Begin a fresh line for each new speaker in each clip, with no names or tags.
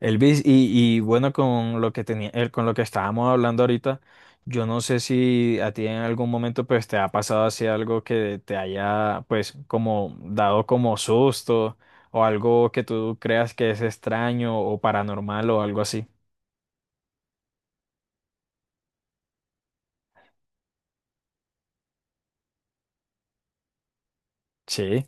Elvis, y bueno, con lo que tenía, con lo que estábamos hablando ahorita, yo no sé si a ti en algún momento pues te ha pasado así algo que te haya pues como dado como susto o algo que tú creas que es extraño o paranormal o algo así. Sí,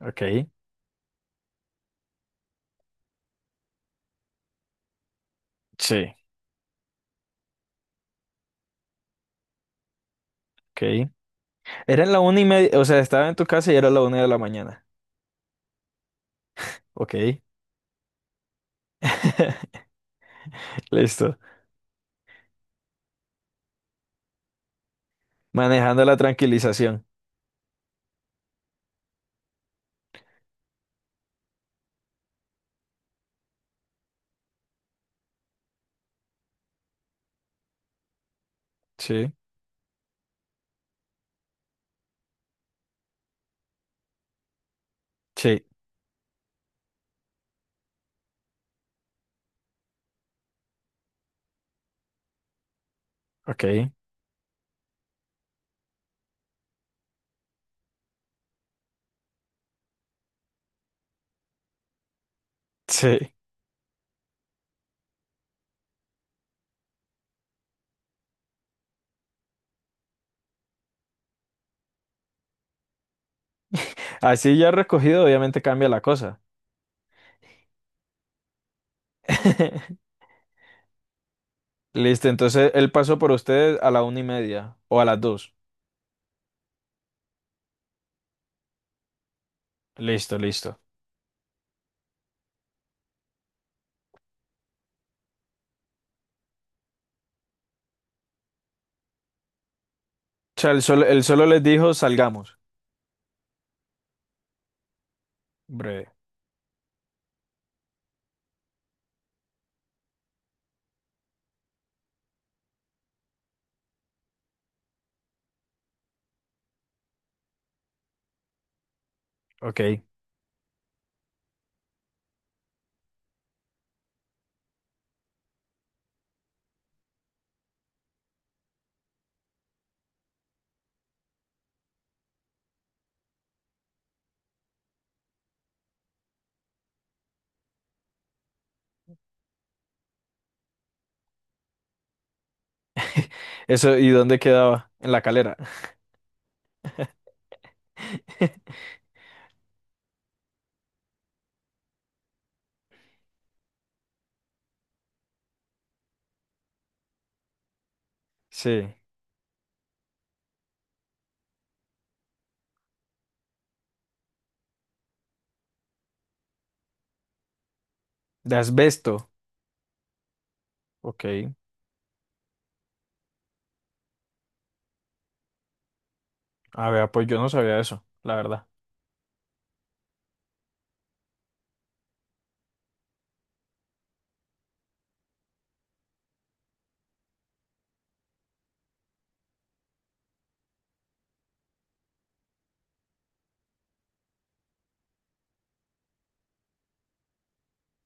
ok, sí, ok. Era la 1:30, o sea, estaba en tu casa y era la una de la mañana. Ok, listo. Manejando la tranquilización. Sí, sí, ok, sí. Así ya recogido, obviamente cambia la cosa. Listo, entonces él pasó por ustedes a la 1:30 o a las dos. Listo, listo. O sea, él solo les dijo salgamos. Breve. Ok. Eso, ¿y dónde quedaba? En la calera. Sí. De asbesto. Ok. A ver, pues yo no sabía eso, la verdad.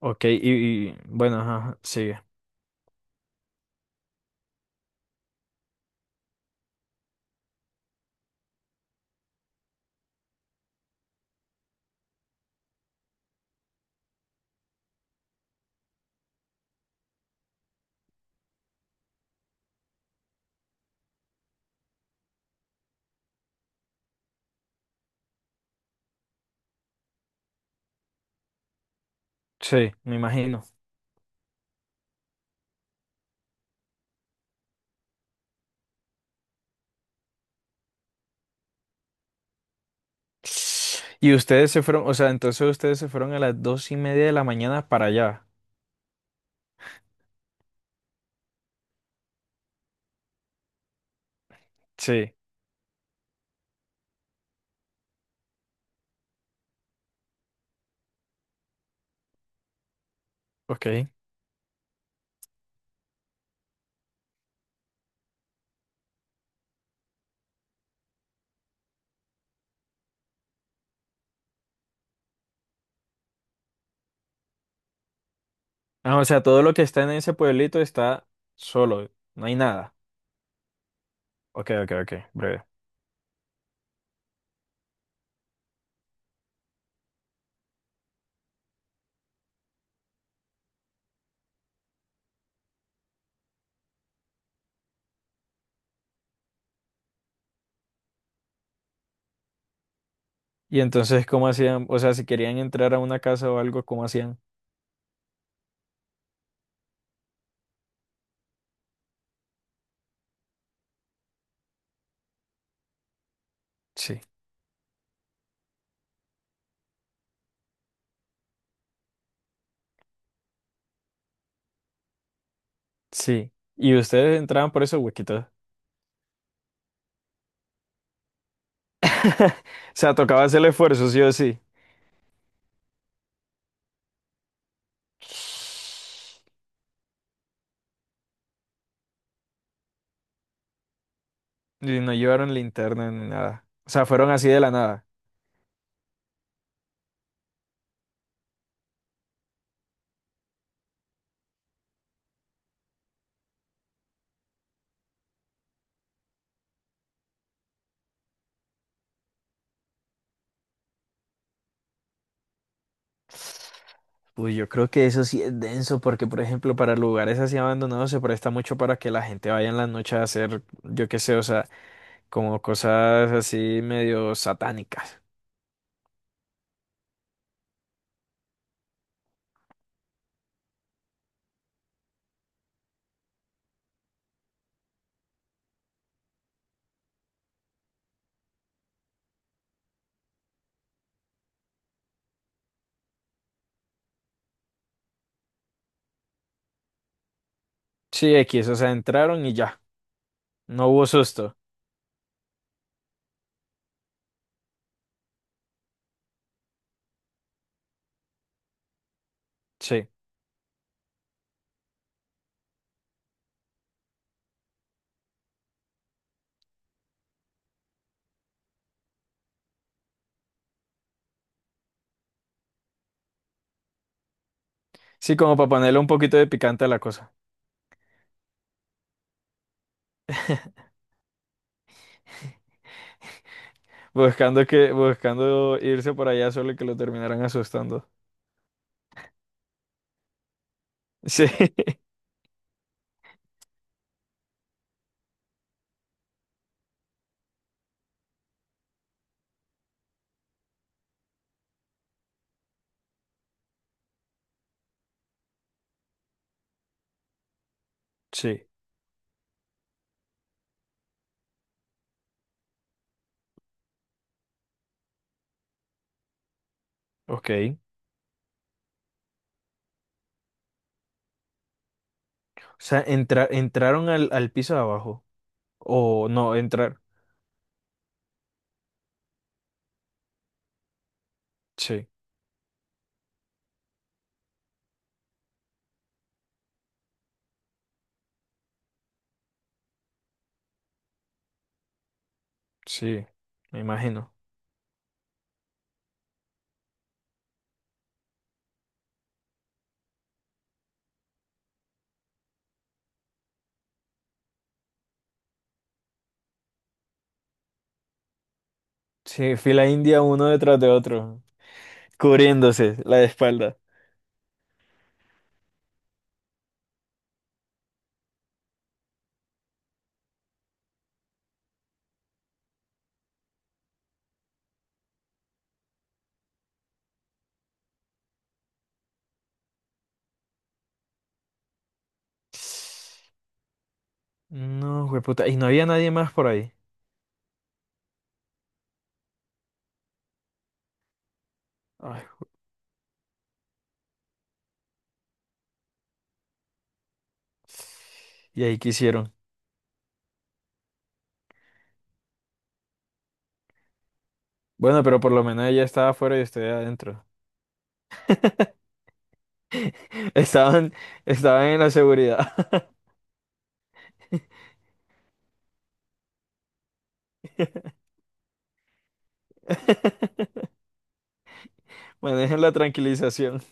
Ok, y bueno, ajá, ajá, sigue. Sí, me imagino. Y ustedes se fueron, o sea, entonces ustedes se fueron a las 2:30 de la mañana para allá. Sí. Ok. Ah, o sea, todo lo que está en ese pueblito está solo, no hay nada. Ok, ok, ok, breve. Y entonces, ¿cómo hacían? O sea, si querían entrar a una casa o algo, ¿cómo hacían? Sí, sí. Y ustedes entraban por esos huequitos. O sea, tocaba hacer el esfuerzo, sí o sí. Y no llevaron linterna ni nada. O sea, fueron así de la nada. Uy, yo creo que eso sí es denso, porque por ejemplo, para lugares así abandonados se presta mucho para que la gente vaya en la noche a hacer, yo qué sé, o sea, como cosas así medio satánicas. Sí, X, o sea, entraron y ya, no hubo susto. Sí, sí, como para ponerle un poquito de picante a la cosa, buscando irse por allá solo que lo terminaran asustando. Sí, sí, ok. O sea, entraron al piso de abajo, o no, entrar. Sí, sí, me imagino. Sí, fila india uno detrás de otro, cubriéndose la espalda. No, puta, y no había nadie más por ahí. Ay. Y ahí, ¿qué hicieron? Bueno, pero por lo menos ella estaba afuera y usted adentro. Estaban, estaban en la seguridad. Manejan la tranquilización.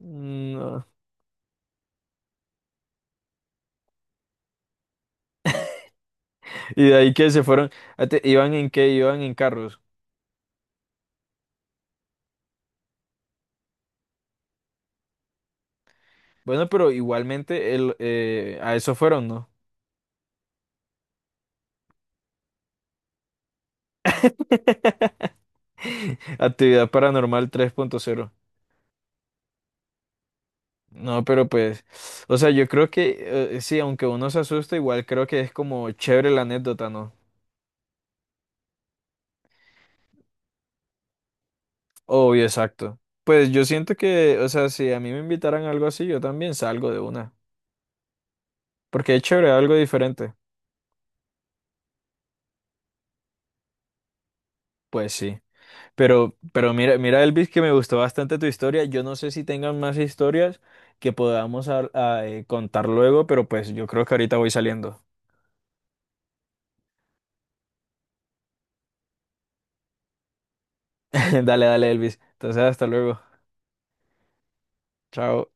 No. Y de ahí que se fueron. Ah, ¿iban en qué? Iban en carros. Bueno, pero igualmente a eso fueron, ¿no? Actividad paranormal 3.0. No, pero pues, o sea, yo creo que sí, aunque uno se asusta, igual creo que es como chévere la anécdota, ¿no? Obvio, exacto. Pues yo siento que, o sea, si a mí me invitaran a algo así, yo también salgo de una. Porque es chévere, algo diferente. Pues sí. Pero mira, mira, Elvis, que me gustó bastante tu historia. Yo no sé si tengan más historias que podamos a contar luego, pero pues yo creo que ahorita voy saliendo. Dale, dale, Elvis. Entonces, hasta luego. Chao.